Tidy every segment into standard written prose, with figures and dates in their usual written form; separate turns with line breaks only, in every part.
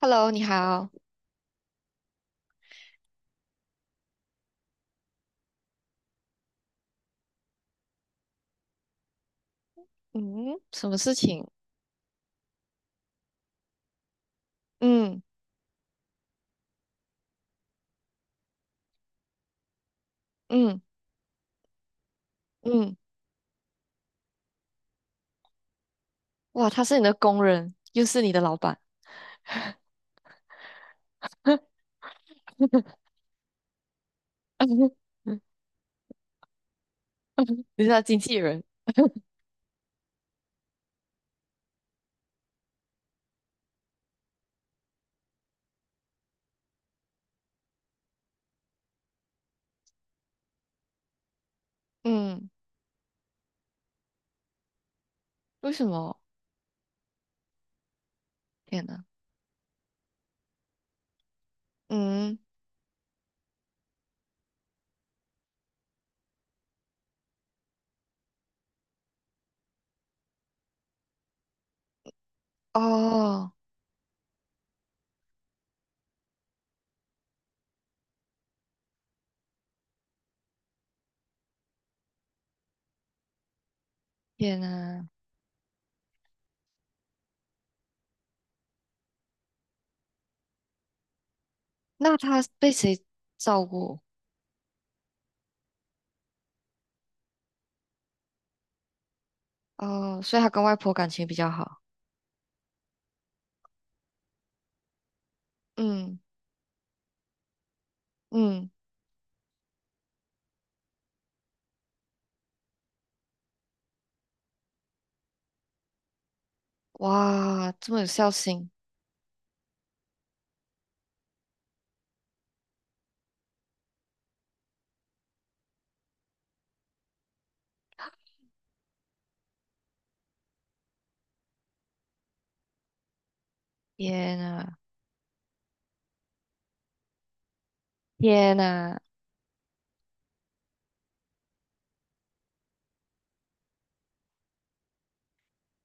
Hello，你好。嗯，什么事情？嗯嗯嗯，哇，他是你的工人，又是你的老板。你是他经纪人。嗯，为什么？天呐。嗯，哦，天呐，那他被谁照顾？哦，所以他跟外婆感情比较好。嗯嗯，哇，这么有孝心。天呐，天呐，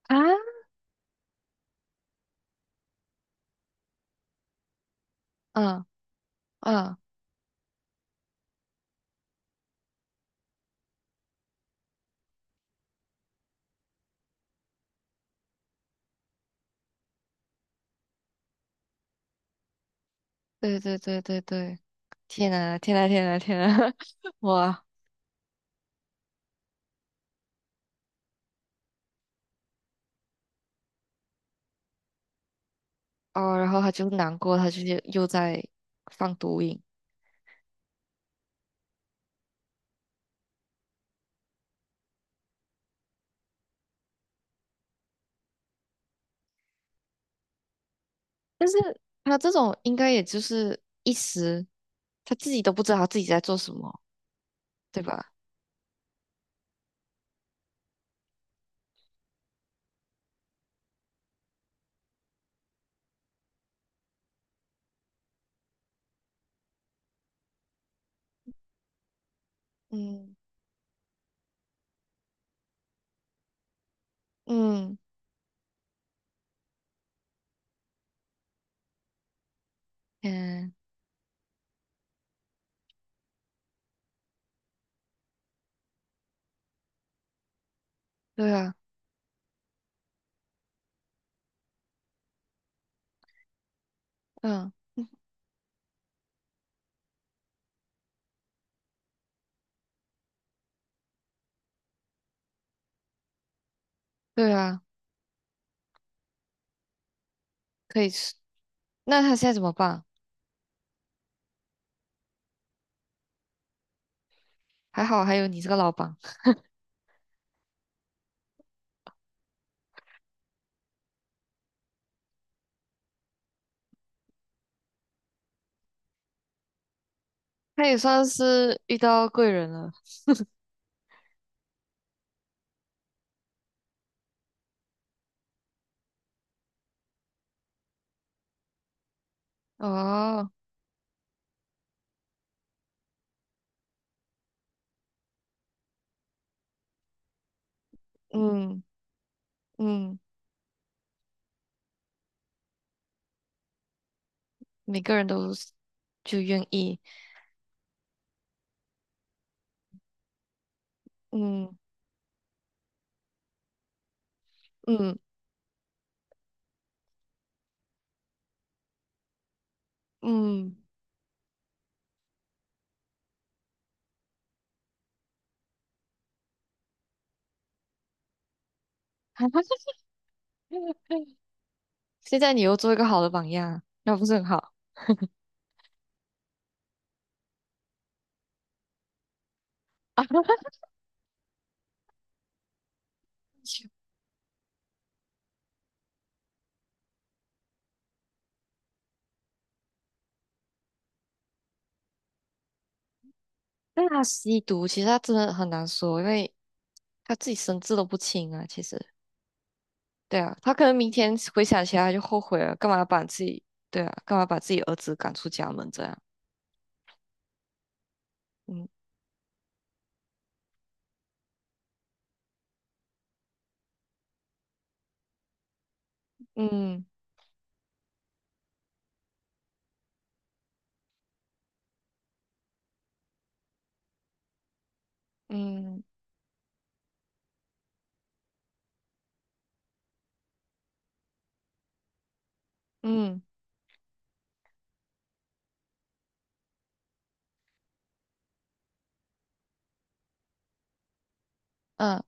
啊，嗯嗯对对对对对，天呐天呐天呐天呐，哇哦，然后他就难过，他就是又在放毒瘾。但是他这种应该也就是一时，他自己都不知道他自己在做什么，对吧？嗯嗯嗯，对啊，嗯对啊，可以吃。那他现在怎么办？还好还有你这个老板。他也算是遇到贵人了。哦，嗯嗯，每个人都是就愿意。嗯。嗯嗯，现在你又做一个好的榜样啊那不是很好啊？但他吸毒，其实他真的很难说，因为他自己神志都不清啊。其实，对啊，他可能明天回想起来他就后悔了，干嘛要把自己，对啊，干嘛把自己儿子赶出家门这样？嗯嗯嗯嗯嗯，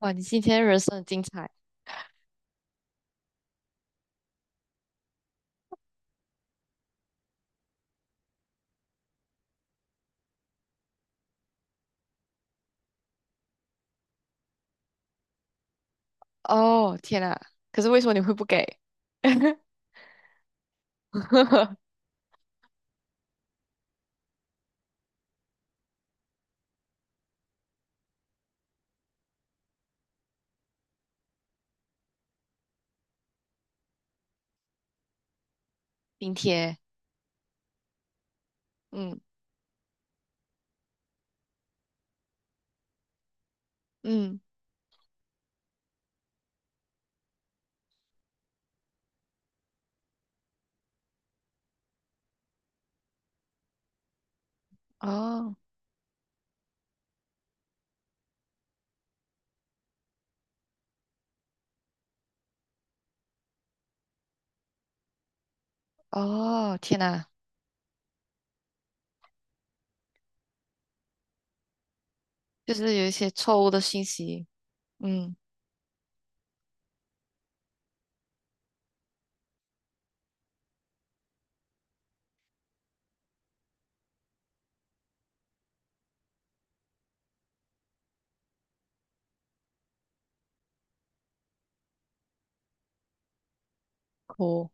哇，你今天人生很精彩。哦！天啊，可是为什么你会不给？明天，嗯嗯，哦。哦，天呐，就是有一些错误的信息。嗯哭，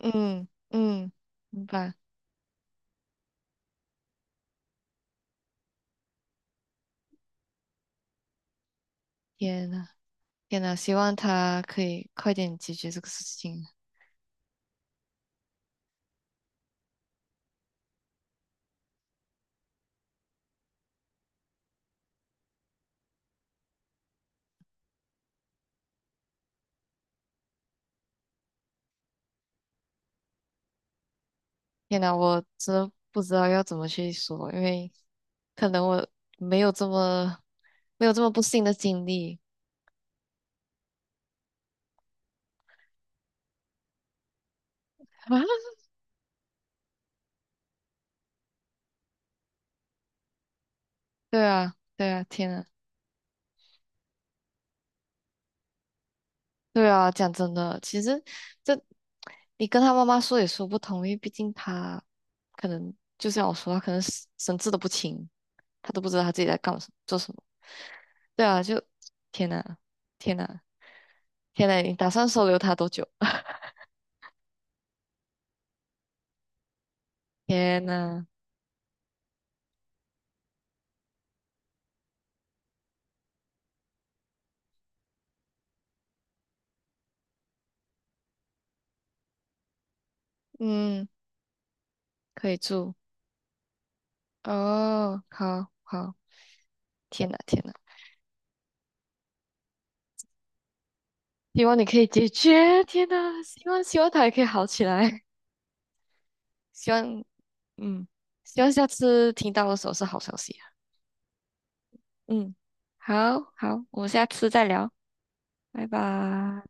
嗯嗯，明白。天呐，天呐，希望他可以快点解决这个事情。天呐，我真的不知道要怎么去说，因为可能我没有这么没有这么不幸的经历。对啊，对啊，天呐，对啊，讲真的，其实这你跟他妈妈说也说不通，因为毕竟他可能就像我说，他可能神志都不清，他都不知道他自己在干什么做什么。对啊，就天呐，天呐，天呐！你打算收留他多久？天呐，嗯，可以住哦，好好，天呐，天呐，希望你可以解决，天呐，希望他也可以好起来。希望嗯，希望下次听到的时候是好消息啊，嗯，好好，我们下次再聊，拜拜。